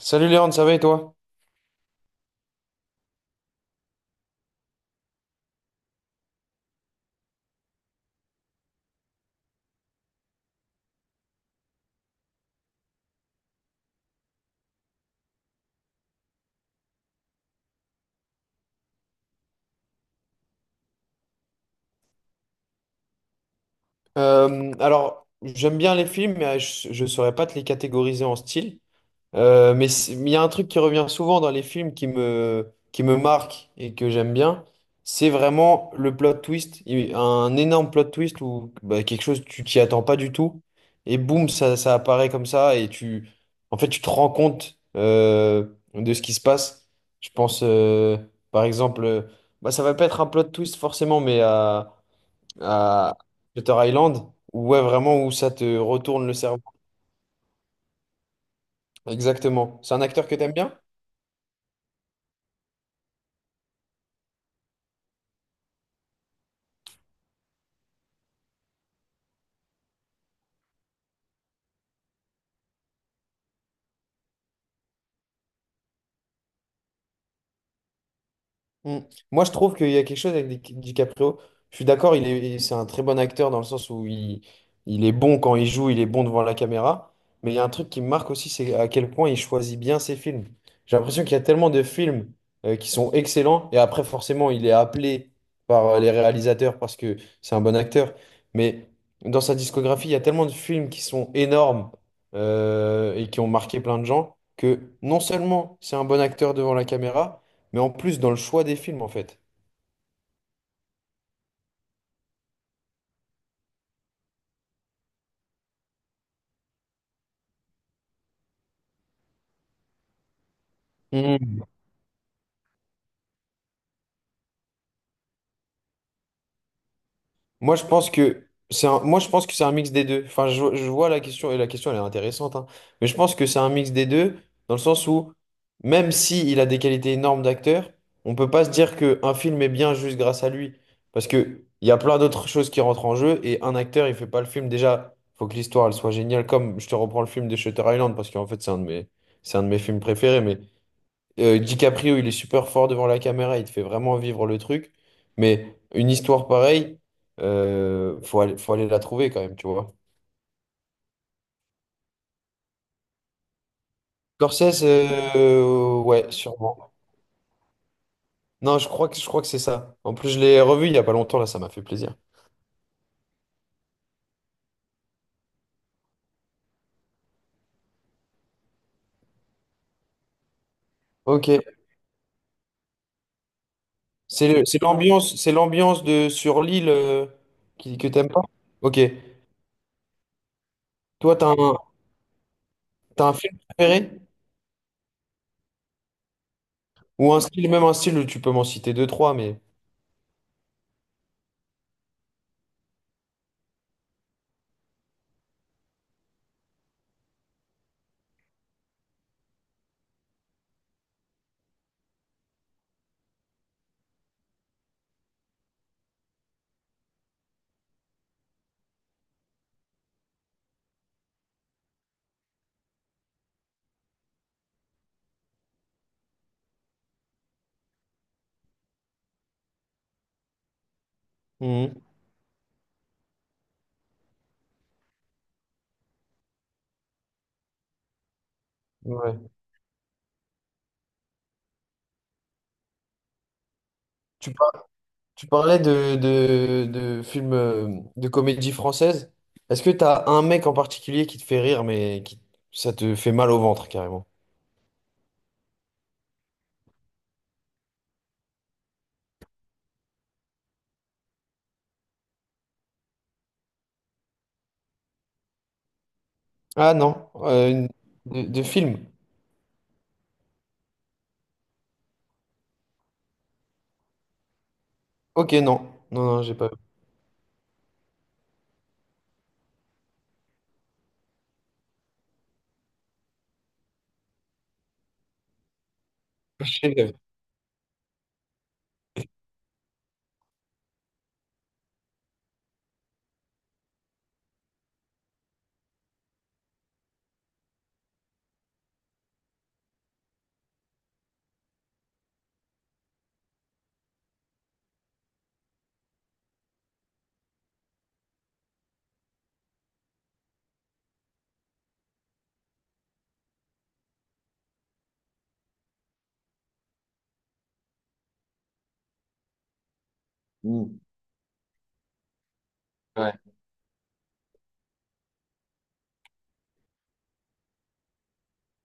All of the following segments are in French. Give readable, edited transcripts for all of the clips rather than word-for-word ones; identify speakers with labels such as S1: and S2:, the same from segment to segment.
S1: Salut Léon, ça va et toi? Alors, j'aime bien les films, mais je ne saurais pas te les catégoriser en style. Mais il y a un truc qui revient souvent dans les films qui me marque et que j'aime bien, c'est vraiment le plot twist. Un énorme plot twist où bah, quelque chose, tu t'y attends pas du tout. Et boum, ça apparaît comme ça et tu, en fait, tu te rends compte de ce qui se passe. Je pense, par exemple, bah, ça va pas être un plot twist forcément, mais à Shutter Island, où ouais, vraiment où ça te retourne le cerveau. Exactement. C'est un acteur que t'aimes bien? Mm. Moi, je trouve qu'il y a quelque chose avec DiCaprio. Je suis d'accord, c'est un très bon acteur dans le sens où il est bon quand il joue, il est bon devant la caméra. Mais il y a un truc qui me marque aussi, c'est à quel point il choisit bien ses films. J'ai l'impression qu'il y a tellement de films qui sont excellents. Et après, forcément, il est appelé par les réalisateurs parce que c'est un bon acteur. Mais dans sa discographie, il y a tellement de films qui sont énormes et qui ont marqué plein de gens que non seulement c'est un bon acteur devant la caméra, mais en plus dans le choix des films en fait. Mm. Moi, je pense que c'est un mix des deux. Enfin, je vois la question et la question, elle est intéressante, hein. Mais je pense que c'est un mix des deux dans le sens où même si il a des qualités énormes d'acteur, on peut pas se dire que un film est bien juste grâce à lui parce que il y a plein d'autres choses qui rentrent en jeu et un acteur, il fait pas le film. Déjà, faut que l'histoire elle soit géniale. Comme je te reprends le film de Shutter Island parce qu'en fait, c'est un de mes films préférés, mais DiCaprio, il est super fort devant la caméra, il te fait vraiment vivre le truc. Mais une histoire pareille, faut aller la trouver quand même, tu vois. Scorsese, ouais, sûrement. Non, je crois que c'est ça. En plus, je l'ai revu il y a pas longtemps, là, ça m'a fait plaisir. Ok. C'est l'ambiance de sur l'île que t'aimes pas? Ok. Toi, t'as un film préféré? Ou un style, même un style, tu peux m'en citer deux, trois, mais. Mhm. Ouais. Tu Tu parlais de films de comédie française. Est-ce que t'as un mec en particulier qui te fait rire, mais ça te fait mal au ventre carrément? Ah non, de film. Ok, non. Non, non, j'ai pas. Chef-d'œuvre. Mm. Ouais.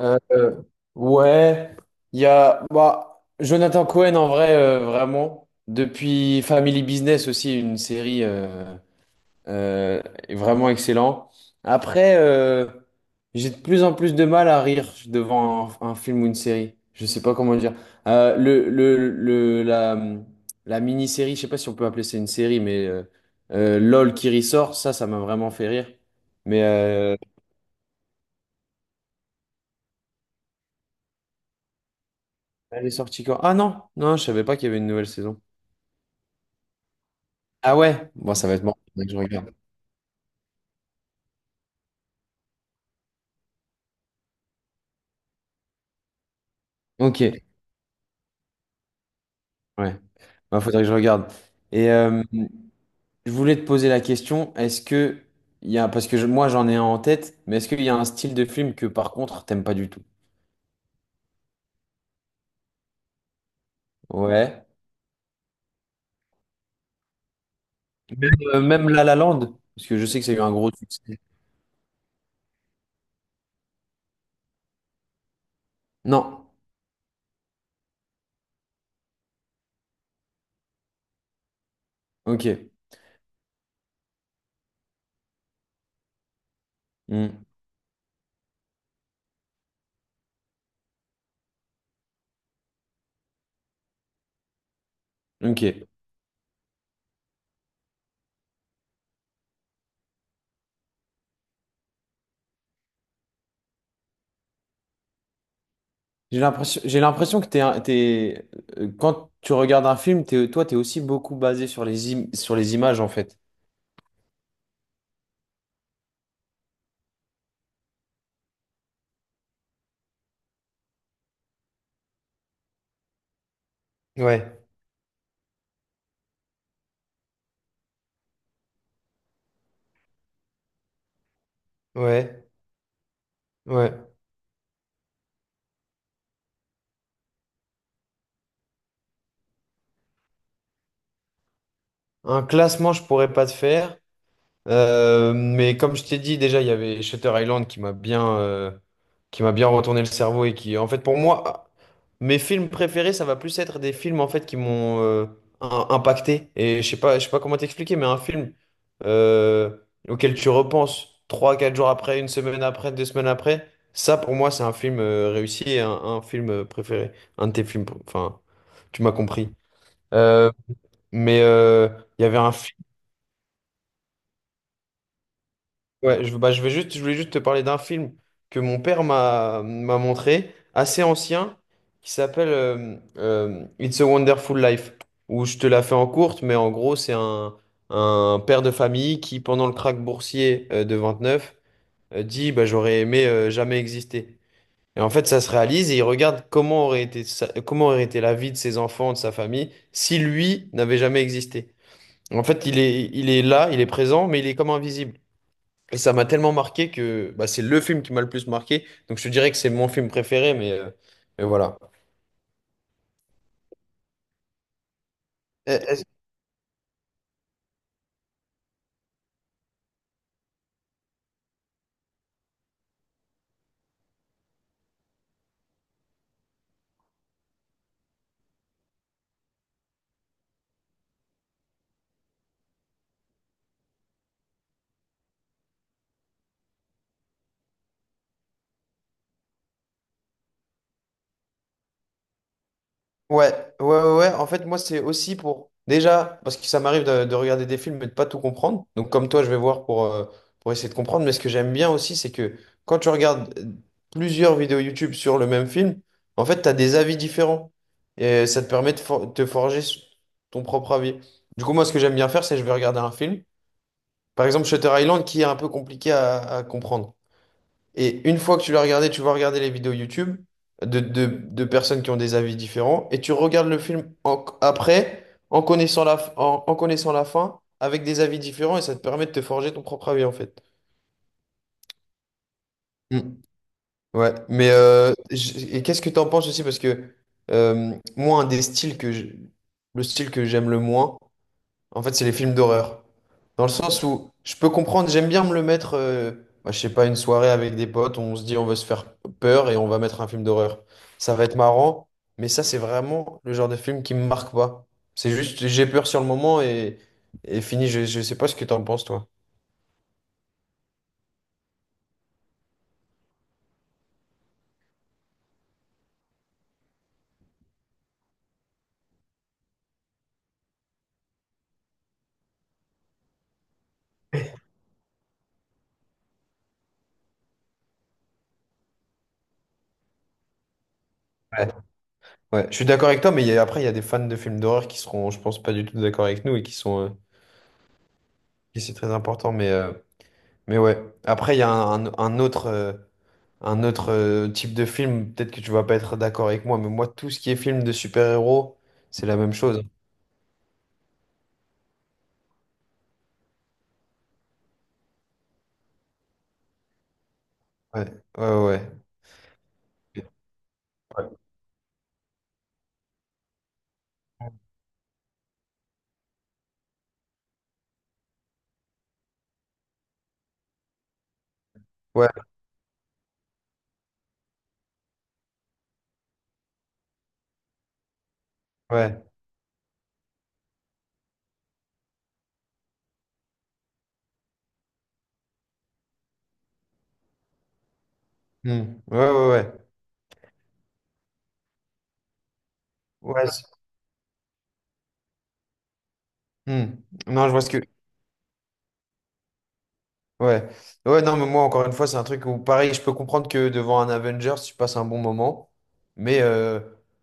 S1: Euh, euh, ouais, il y a bah, Jonathan Cohen en vrai, vraiment. Depuis Family Business aussi, une série. Euh, est vraiment excellent. Après, j'ai de plus en plus de mal à rire devant un film ou une série. Je sais pas comment dire. Euh, le, le, le, la, la mini-série, je sais pas si on peut appeler ça une série, mais LOL qui ressort, ça m'a vraiment fait rire. Mais elle est sortie quand? Ah non, non, je savais pas qu'il y avait une nouvelle saison. Ah ouais? Bon, ça va être mort. Faudrait que je regarde. Ok. Ouais. Bah, faudrait que je regarde. Et je voulais te poser la question, est-ce que il y a, parce que moi j'en ai un en tête, mais est-ce qu'il y a un style de film que par contre t'aimes pas du tout? Ouais. Même La La Land, parce que je sais que ça a eu un gros succès. Non. Ok. Hmm. Ok. J'ai l'impression que quand tu regardes un film, t'es, toi t'es aussi beaucoup basé sur les images en fait. Ouais, ouais, ouais. Un classement, je pourrais pas te faire, mais comme je t'ai dit, déjà, il y avait Shutter Island qui m'a bien retourné le cerveau et qui, en fait, pour moi, mes films préférés, ça va plus être des films, en fait, qui m'ont impacté. Et je sais pas comment t'expliquer, mais un film euh, auquel tu repenses 3, 4 jours après, une semaine après, 2 semaines après, ça, pour moi, c'est un film réussi et un film préféré. Un de tes films, enfin, tu m'as compris. Euh, mais il y avait un film. Ouais, bah, je voulais juste te parler d'un film que mon père m'a montré, assez ancien, qui s'appelle It's a Wonderful Life, où je te la fais en courte, mais en gros, c'est un père de famille qui, pendant le krach boursier de 29, dit bah, j'aurais aimé jamais exister. Et en fait, ça se réalise et il regarde comment aurait été, comment aurait été la vie de ses enfants, de sa famille, si lui n'avait jamais existé. En fait, il est là, il est présent, mais il est comme invisible. Et ça m'a tellement marqué que bah, c'est le film qui m'a le plus marqué. Donc je te dirais que c'est mon film préféré, mais voilà. Euh, est-ce- Ouais, ouais, ouais, ouais. En fait, moi, c'est aussi pour. Déjà, parce que ça m'arrive de regarder des films et de pas tout comprendre. Donc, comme toi, je vais voir pour essayer de comprendre. Mais ce que j'aime bien aussi, c'est que quand tu regardes plusieurs vidéos YouTube sur le même film, en fait, tu as des avis différents. Et ça te permet de te forger ton propre avis. Du coup, moi, ce que j'aime bien faire, c'est je vais regarder un film. Par exemple, Shutter Island, qui est un peu compliqué à comprendre. Et une fois que tu l'as regardé, tu vas regarder les vidéos YouTube de personnes qui ont des avis différents, et tu regardes le film après, en connaissant la fin, avec des avis différents, et ça te permet de te forger ton propre avis, en fait. Mm. Ouais, mais et qu'est-ce que tu en penses aussi? Parce que moi, un des styles que je- le style que j'aime le moins, en fait, c'est les films d'horreur. Dans le sens où je peux comprendre, j'aime bien me le mettre, bah, je sais pas, une soirée avec des potes, on se dit on veut se faire peur et on va mettre un film d'horreur. Ça va être marrant, mais ça, c'est vraiment le genre de film qui me marque pas. C'est juste, j'ai peur sur le moment et fini, je sais pas ce que t'en penses, toi. Ouais. Ouais, je suis d'accord avec toi, mais après, il y a des fans de films d'horreur qui seront, je pense, pas du tout d'accord avec nous et qui sont, et c'est très important, mais ouais. Après, il y a un autre. Un autre type de film, peut-être que tu vas pas être d'accord avec moi, mais moi, tout ce qui est film de super-héros, c'est la même chose. Ouais, ouais, ouais. Ouais, ouais. Hmm. Ouais, ouais, ouais. Ouais, hmm. Non, je vois ce que. Ouais. Ouais, non, mais moi, encore une fois, c'est un truc où, pareil, je peux comprendre que devant un Avengers, tu passes un bon moment. Mais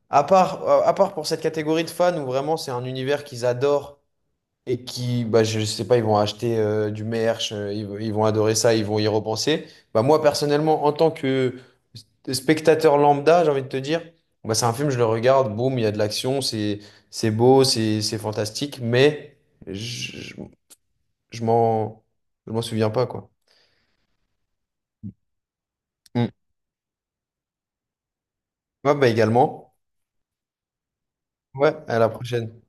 S1: à part pour cette catégorie de fans où vraiment c'est un univers qu'ils adorent et qui, bah, je sais pas, ils vont acheter du merch, ils vont adorer ça, ils vont y repenser. Bah, moi, personnellement, en tant que spectateur lambda, j'ai envie de te dire, bah, c'est un film, je le regarde, boum, il y a de l'action, c'est beau, c'est fantastique, mais je, je, je m'en, je m'en souviens pas, quoi. Mm. Ouais, bah, également. Ouais, à la prochaine.